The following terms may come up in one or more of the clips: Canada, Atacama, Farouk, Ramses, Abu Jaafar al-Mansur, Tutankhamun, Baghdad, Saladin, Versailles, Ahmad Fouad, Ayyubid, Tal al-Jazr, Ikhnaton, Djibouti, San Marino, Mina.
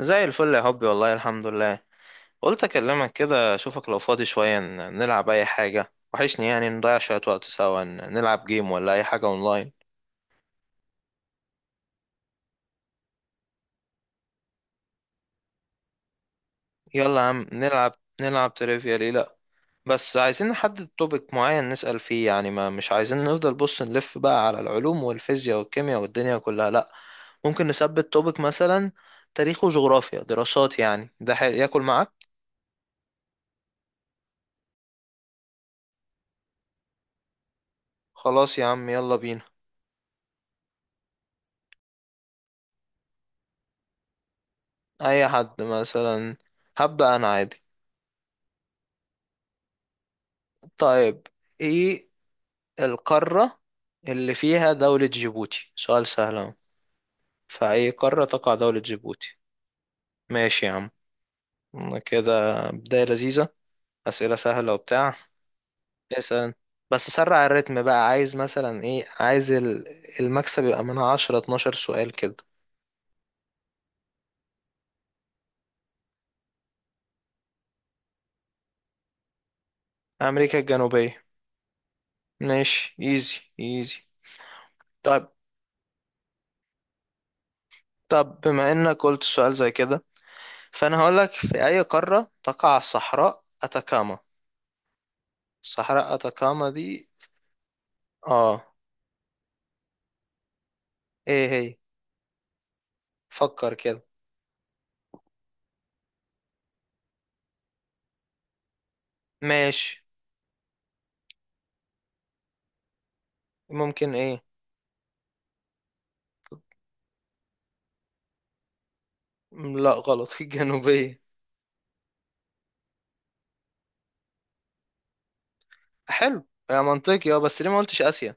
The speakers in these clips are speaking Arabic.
زي الفل يا حبي، والله الحمد لله. قلت اكلمك كده اشوفك لو فاضي شوية نلعب اي حاجة. وحشني نضيع شوية وقت سوا نلعب جيم ولا اي حاجة اونلاين. يلا يا عم نلعب. نلعب تريفيا ليه لا. بس عايزين نحدد توبيك معين نسأل فيه، يعني ما مش عايزين نفضل بص نلف بقى على العلوم والفيزياء والكيمياء والدنيا كلها لا. ممكن نثبت توبيك مثلا تاريخ وجغرافيا دراسات، يعني ده حلو ياكل معاك. خلاص يا عم يلا بينا. اي حد مثلا. هبدأ انا عادي. طيب. ايه القارة اللي فيها دولة جيبوتي؟ سؤال سهل اهو. في اي قارة تقع دولة جيبوتي؟ ماشي يا عم. كده بداية لذيذة. أسئلة سهلة وبتاع. اسأل، بس سرع الريتم بقى. عايز مثلا ايه؟ عايز المكسب يبقى من 10 12 سؤال كده. أمريكا الجنوبية. ماشي ايزي ايزي. طب طب بما انك قلت سؤال زي كده، فانا هقولك في اي قارة تقع صحراء اتاكاما؟ صحراء اتاكاما دي. اه. ايه هي؟ فكر كده. ماشي. ممكن ايه. لا غلط الجنوبية. حلو يا منطقي. اه بس ليه ما قلتش آسيا؟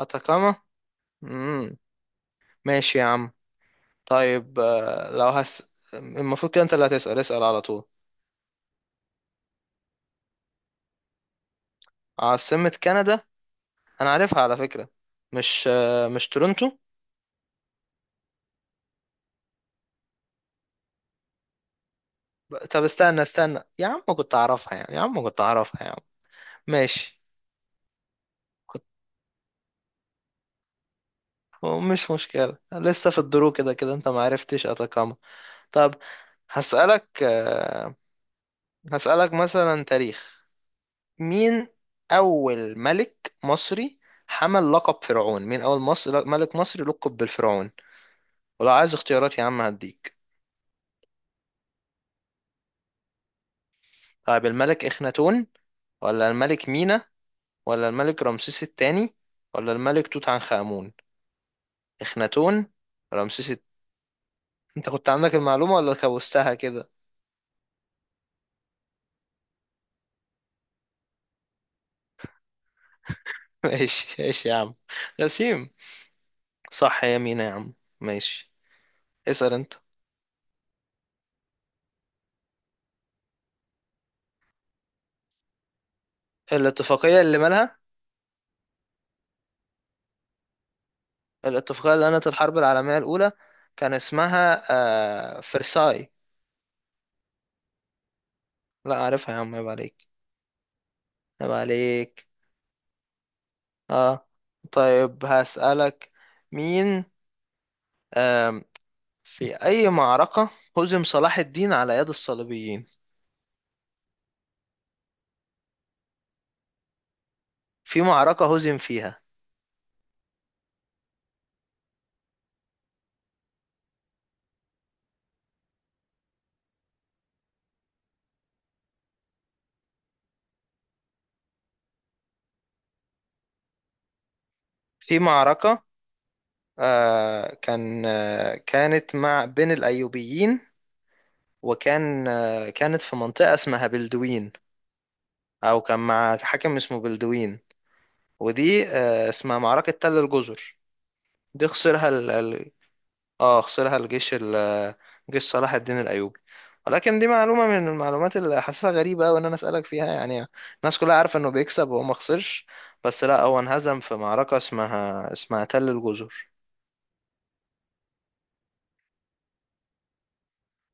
أتاكاما. امم. ماشي يا عم. طيب، لو هس المفروض كده انت اللي هتسأل، اسأل على طول. عاصمة كندا. انا عارفها على فكرة. مش مش تورنتو؟ طب استنى استنى يا عم، كنت اعرفها يعني يا عم، كنت اعرفها يا عم. ماشي. كنت. مش مشكلة، لسه في الدرو. كده كده انت ما عرفتش أتاكاما. طب هسألك، هسألك مثلا تاريخ. مين أول ملك مصري حمل لقب فرعون؟ مين أول مصر ملك مصري لقب بالفرعون؟ ولو عايز اختيارات يا عم هديك. طيب الملك إخناتون، ولا الملك مينا، ولا الملك رمسيس الثاني، ولا الملك توت عنخ آمون؟ إخناتون، رمسيس الت... أنت كنت عندك المعلومة ولا كوستها كده؟ ماشي ماشي يا عم. غسيم. صح يا مينا يا عم. ماشي، اسأل أنت. الاتفاقية اللي مالها؟ الاتفاقية اللي أنهت الحرب العالمية الأولى كان اسمها آه فرساي. لا عارفها يا عم، عيب عليك. عيب عليك. اه. طيب هسألك. مين، آم، في أي معركة هزم صلاح الدين على يد الصليبيين؟ في معركة هزم فيها. في معركة، كان كانت مع بين الأيوبيين، وكان كانت في منطقة اسمها بلدوين، أو كان مع حاكم اسمه بلدوين. ودي اسمها معركة تل الجزر. دي خسرها اه خسرها الجيش ال... جيش صلاح الدين الأيوبي. ولكن دي معلومة من المعلومات اللي حاسسها غريبة أوي إن أنا أسألك فيها، يعني الناس كلها عارفة إنه بيكسب وهو ما خسرش. بس لا هو انهزم في معركة اسمها تل الجزر.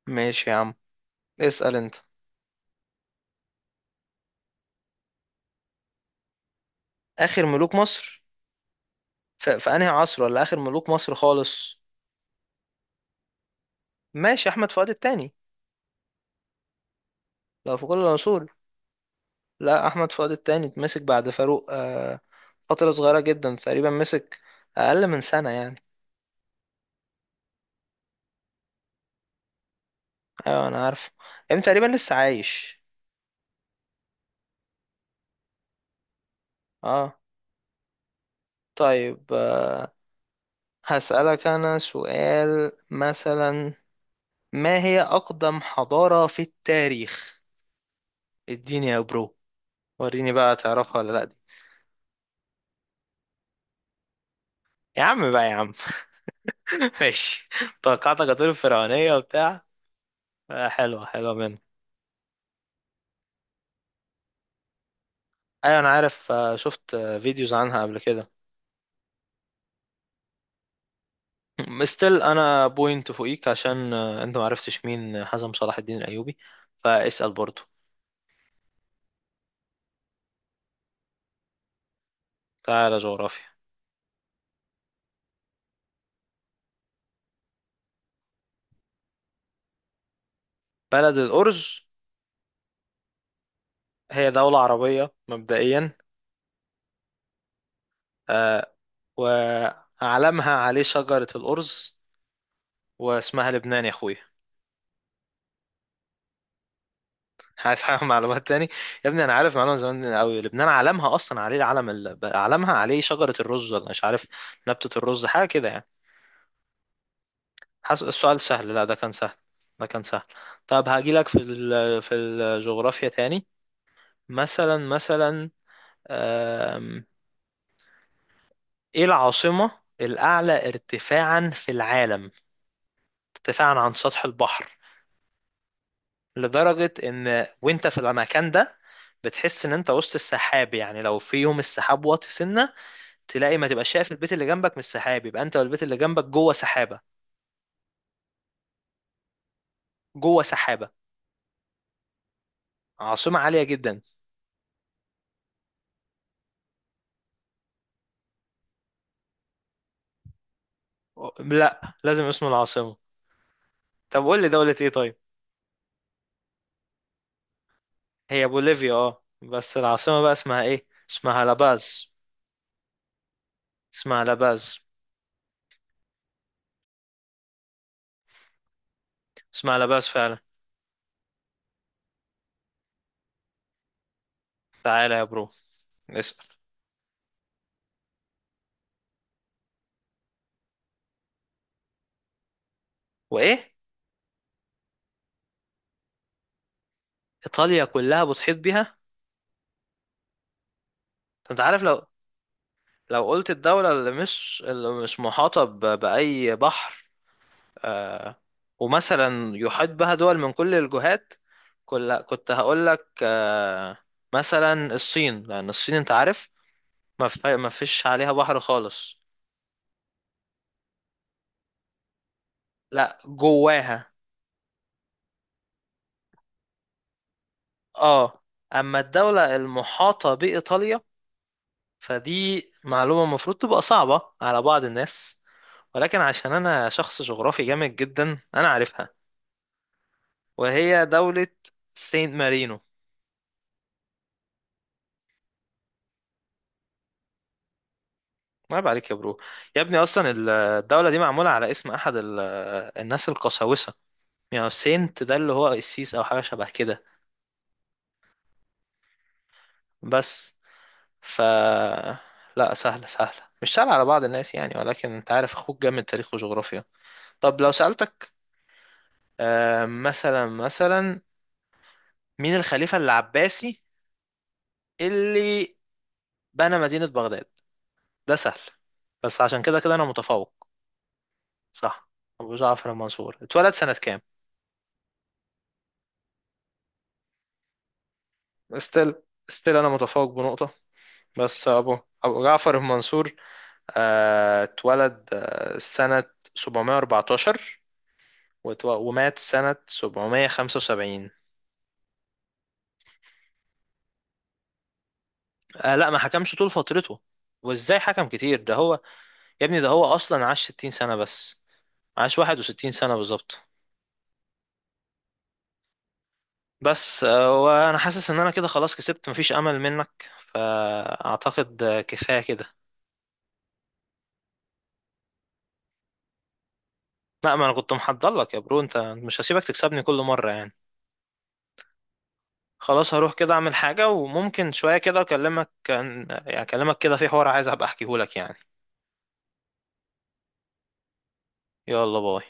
ماشي يا عم، اسأل أنت. آخر ملوك مصر؟ في أنهي عصر، ولا آخر ملوك مصر خالص؟ ماشي، أحمد فؤاد التاني لو في كل العصور. لا، أحمد فؤاد التاني اتمسك بعد فاروق آه، فترة صغيرة جدا تقريبا مسك. أقل من سنة يعني. ايوه انا عارف. ام، تقريبا لسه عايش. اه. طيب هسألك انا سؤال مثلا. ما هي اقدم حضارة في التاريخ؟ اديني يا برو، وريني بقى تعرفها ولا لا دي. يا عم بقى يا عم. ماشي. توقعتك هتقول الفرعونية وبتاع. حلوة، حلوة منه. ايوه انا عارف، شفت فيديوز عنها قبل كده. مستل انا بوينت فوقيك عشان انت معرفتش مين حزم صلاح الدين الايوبي. فاسأل برضو. تعالى جغرافيا. بلد الأرز. هي دولة عربية مبدئيا. آه. وعلمها عليه شجرة الأرز، واسمها لبنان يا أخوي. عايز حاجة معلومات تاني؟ يا ابني أنا عارف معلومة زمان أوي، لبنان علمها أصلا عليه العلم ال... علمها عليه شجرة الرز ولا مش عارف، نبتة الرز حاجة كده يعني. حس... السؤال سهل. لا ده كان سهل. ده كان سهل. طب هاجيلك في ال... في الجغرافيا تاني. مثلا مثلا، آم... إيه العاصمة الأعلى ارتفاعا في العالم؟ ارتفاعا عن سطح البحر، لدرجة ان وانت في المكان ده بتحس ان انت وسط السحاب. يعني لو في يوم السحاب واطي سنة، تلاقي ما تبقى شايف البيت اللي جنبك من السحاب، يبقى انت والبيت اللي جنبك جوه سحابة. جوه سحابة. عاصمة عالية جدا. لا لازم اسم العاصمة. طب قول لي دولة ايه طيب. هي بوليفيا اه، بس العاصمة بقى اسمها ايه؟ اسمها لاباز. اسمها لاباز. اسمها لاباز فعلا. تعالى يا برو، اسأل. وايه؟ ايطاليا كلها بتحيط بيها؟ انت عارف لو، لو قلت الدولة اللي مش اللي مش محاطة بأي بحر، آه، ومثلا يحيط بها دول من كل الجهات، كل كنت هقول لك آه، مثلا الصين، لأن الصين أنت عارف ما فيش عليها بحر خالص. لا جواها. اه. أما الدولة المحاطة بإيطاليا، فدي معلومة المفروض تبقى صعبة على بعض الناس، ولكن عشان أنا شخص جغرافي جامد جدا أنا عارفها، وهي دولة سينت مارينو. عيب عليك يا برو. يا ابني اصلا الدوله دي معموله على اسم احد ال- الناس القساوسه، يعني سينت ده اللي هو قسيس او حاجه شبه كده. بس ف، لا سهله سهله، مش سهله على بعض الناس يعني، ولكن انت عارف اخوك جامد تاريخ وجغرافيا. طب لو سالتك مثلا مثلا، مين الخليفه العباسي اللي بنى مدينه بغداد؟ ده سهل، بس عشان كده كده انا متفوق. صح، ابو جعفر المنصور. اتولد سنه كام؟ استيل، استيل انا متفوق بنقطه. بس ابو جعفر بن منصور اتولد سنة 714، ومات سنة 775. آه لا ما حكمش طول فترته. وازاي حكم كتير؟ ده هو، يا ابني ده هو اصلا عاش 60 سنة بس، عاش 61 سنة بالظبط. بس وانا حاسس ان انا كده خلاص كسبت، مفيش امل منك، فاعتقد كفاية كده. لا ما انا كنت محضر لك يا برو، انت مش هسيبك تكسبني كل مرة يعني. خلاص هروح كده اعمل حاجة، وممكن شوية كده اكلمك، كان يعني اكلمك كده في حوار عايز ابقى احكيهولك يعني. يلا باي.